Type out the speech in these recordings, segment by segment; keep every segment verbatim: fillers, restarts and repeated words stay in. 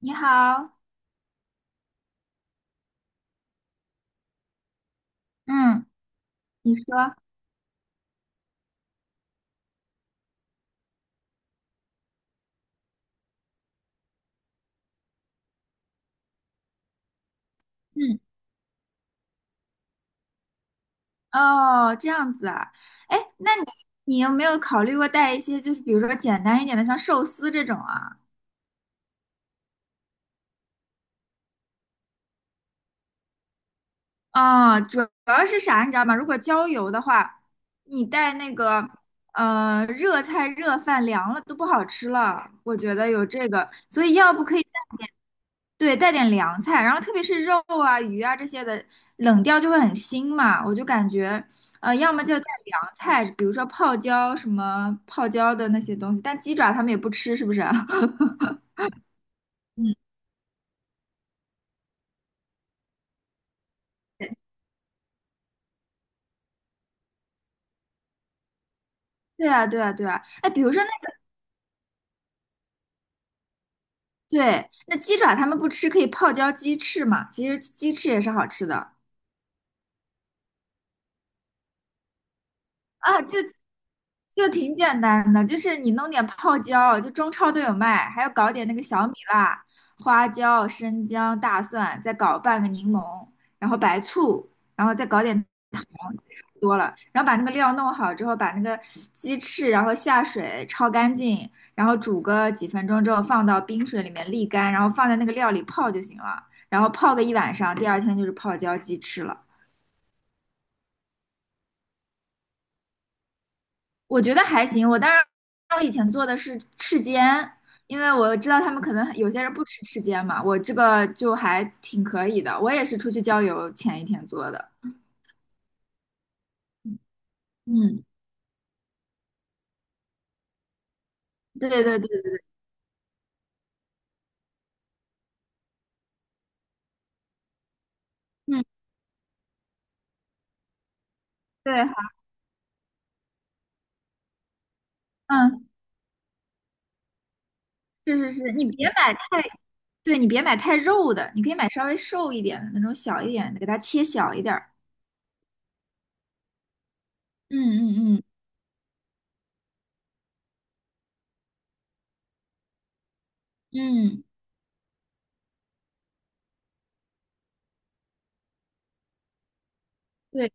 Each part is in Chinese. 你好。嗯你说。嗯，哦，这样子啊。哎，那你你有没有考虑过带一些，就是比如说简单一点的，像寿司这种啊？啊，主主要是啥，你知道吗？如果郊游的话，你带那个呃热菜热饭凉了都不好吃了，我觉得有这个，所以要不可以带点对，带点凉菜，然后特别是肉啊鱼啊这些的冷掉就会很腥嘛，我就感觉呃要么就带凉菜，比如说泡椒什么泡椒的那些东西，但鸡爪他们也不吃，是不是啊？ 嗯，对，对啊，对啊，对啊。哎，比如说那。对，那鸡爪他们不吃，可以泡椒鸡翅嘛？其实鸡翅也是好吃的。啊，就就挺简单的，就是你弄点泡椒，就中超都有卖，还要搞点那个小米辣、花椒、生姜、大蒜，再搞半个柠檬，然后白醋，然后再搞点糖，差不多了。然后把那个料弄好之后，把那个鸡翅然后下水焯干净，然后煮个几分钟之后放到冰水里面沥干，然后放在那个料里泡就行了。然后泡个一晚上，第二天就是泡椒鸡翅了。我觉得还行。我当然，我以前做的是翅尖，因为我知道他们可能有些人不吃翅尖嘛，我这个就还挺可以的。我也是出去郊游前一天做的。嗯，对对对对。嗯，对，好。嗯，是是是，你别买太，对你别买太肉的，你可以买稍微瘦一点的那种小一点的，给它切小一点儿。嗯嗯嗯嗯，对。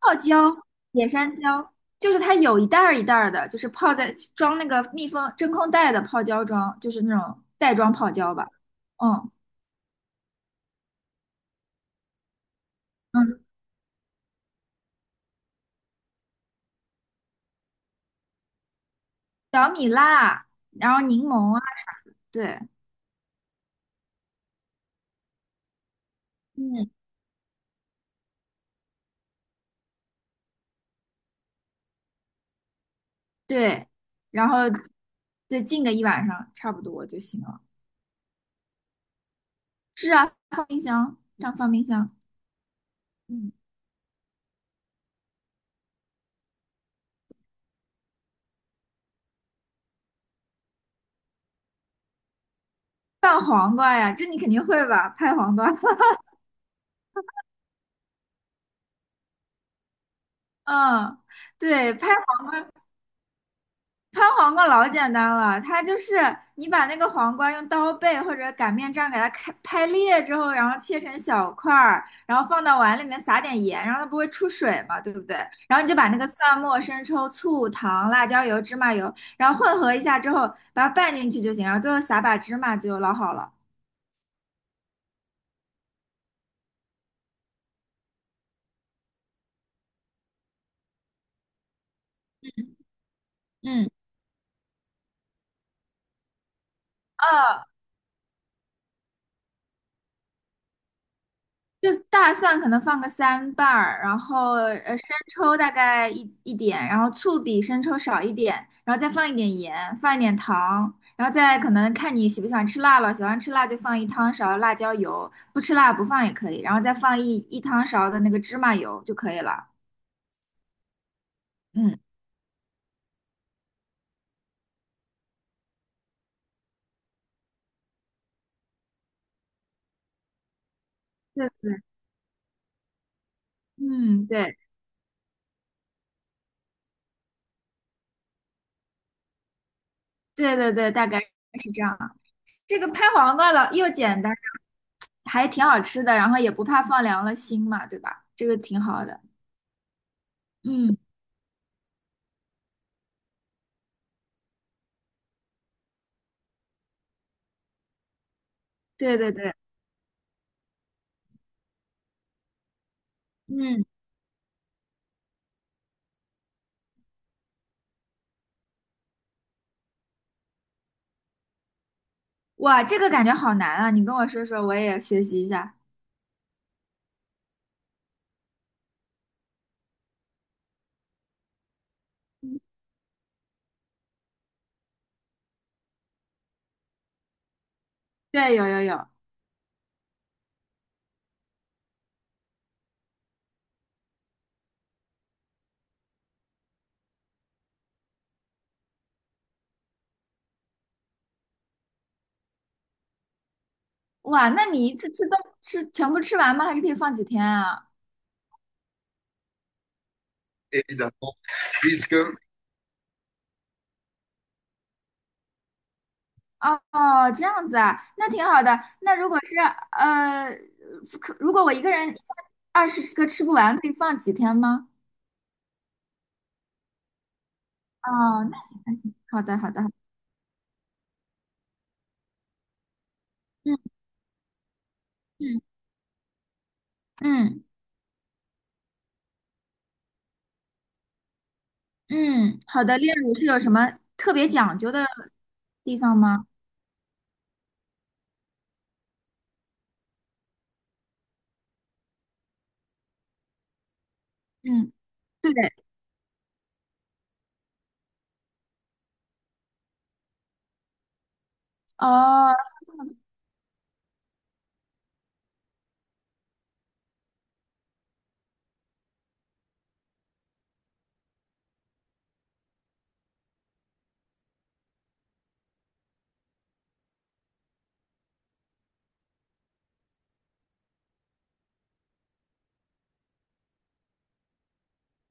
泡椒，野山椒，就是它有一袋儿一袋儿的，就是泡在装那个密封真空袋的泡椒装，就是那种袋装泡椒吧。嗯嗯，小米辣，然后柠檬啊。对，嗯对，然后对浸个一晚上差不多就行了。是啊，放冰箱，这样放冰箱。嗯，拌黄瓜呀，这你肯定会吧？拍黄瓜。嗯，对，拍。拍黄瓜老简单了，它就是你把那个黄瓜用刀背或者擀面杖给它开拍裂之后，然后切成小块儿，然后放到碗里面撒点盐，然后它不会出水嘛，对不对？然后你就把那个蒜末、生抽、醋、糖、辣椒油、芝麻油，然后混合一下之后，把它拌进去就行，然后最后撒把芝麻就老好了。嗯，啊，就大蒜可能放个三瓣儿，然后呃生抽大概一一点，然后醋比生抽少一点，然后再放一点盐，放一点糖，然后再可能看你喜不喜欢吃辣了，喜欢吃辣就放一汤勺辣椒油，不吃辣不放也可以，然后再放一一汤勺的那个芝麻油就可以了。嗯，对对对。嗯，对对对对，大概是这样。这个拍黄瓜了又简单，还挺好吃的，然后也不怕放凉了心嘛，对吧？这个挺好的。嗯，对对对。嗯，哇，这个感觉好难啊！你跟我说说，我也学习一下。对，有有有。哇，那你一次吃这么吃全部吃完吗？还是可以放几天啊？é 哦哦，这样子啊，那挺好的。那如果是呃，可如果我一个人一下二十个吃不完，可以放几天吗？哦，那行那行，好的好的，好的。嗯嗯嗯嗯，好的。炼乳是有什么特别讲究的地方吗？嗯，对，哦，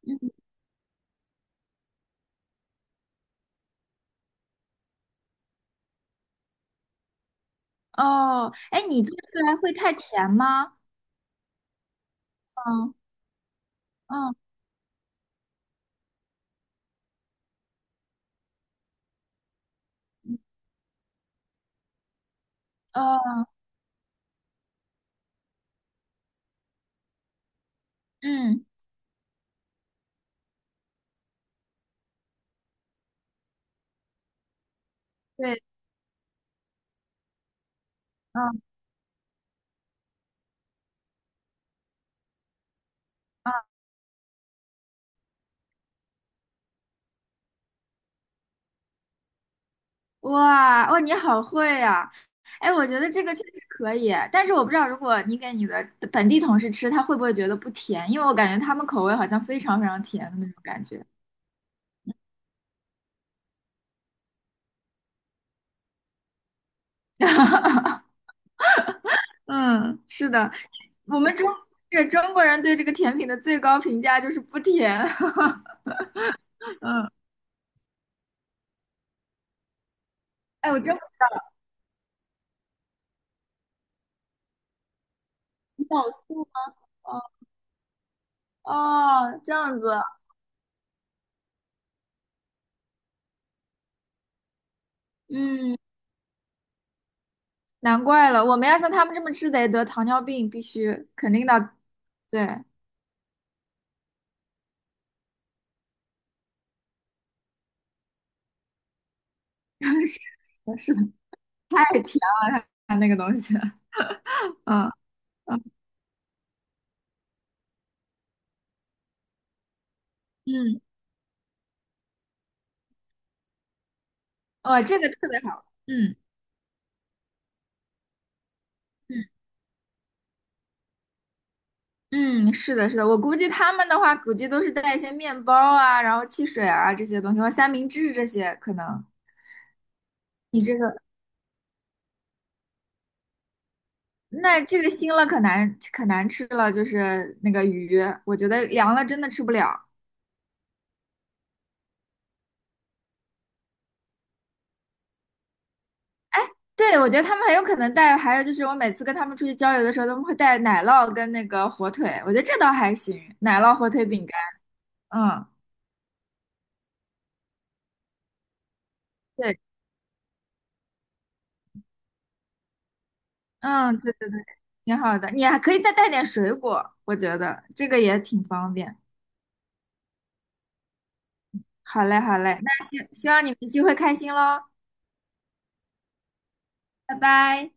嗯。哦，哎，你做出来会太甜吗？嗯嗯哦嗯，对，嗯嗯，哇哦，你好会呀、哎，我觉得这个确实可以，但是我不知道如果你给你的本地同事吃，他会不会觉得不甜？因为我感觉他们口味好像非常非常甜的那种感觉。嗯，是的。我们中这中国人对这个甜品的最高评价就是不甜。嗯，哎，我真不知道，我素哦，这样子。嗯。难怪了，我们要像他们这么吃得得糖尿病，必须肯定的。对。是的，是的。太甜了，他那个东西。嗯嗯嗯，哇，这个特别好。嗯嗯嗯，是的，是的，我估计他们的话，估计都是带一些面包啊，然后汽水啊这些东西，或者三明治这些可能。你这个，那这个腥了可难可难吃了，就是那个鱼，我觉得凉了真的吃不了。对，我觉得他们很有可能带，还有就是我每次跟他们出去郊游的时候，他们会带奶酪跟那个火腿，我觉得这倒还行，奶酪火腿饼干，嗯，对，嗯，对对对，挺好的，你还可以再带点水果，我觉得这个也挺方便。好嘞，好嘞，那希希望你们聚会开心喽。拜拜。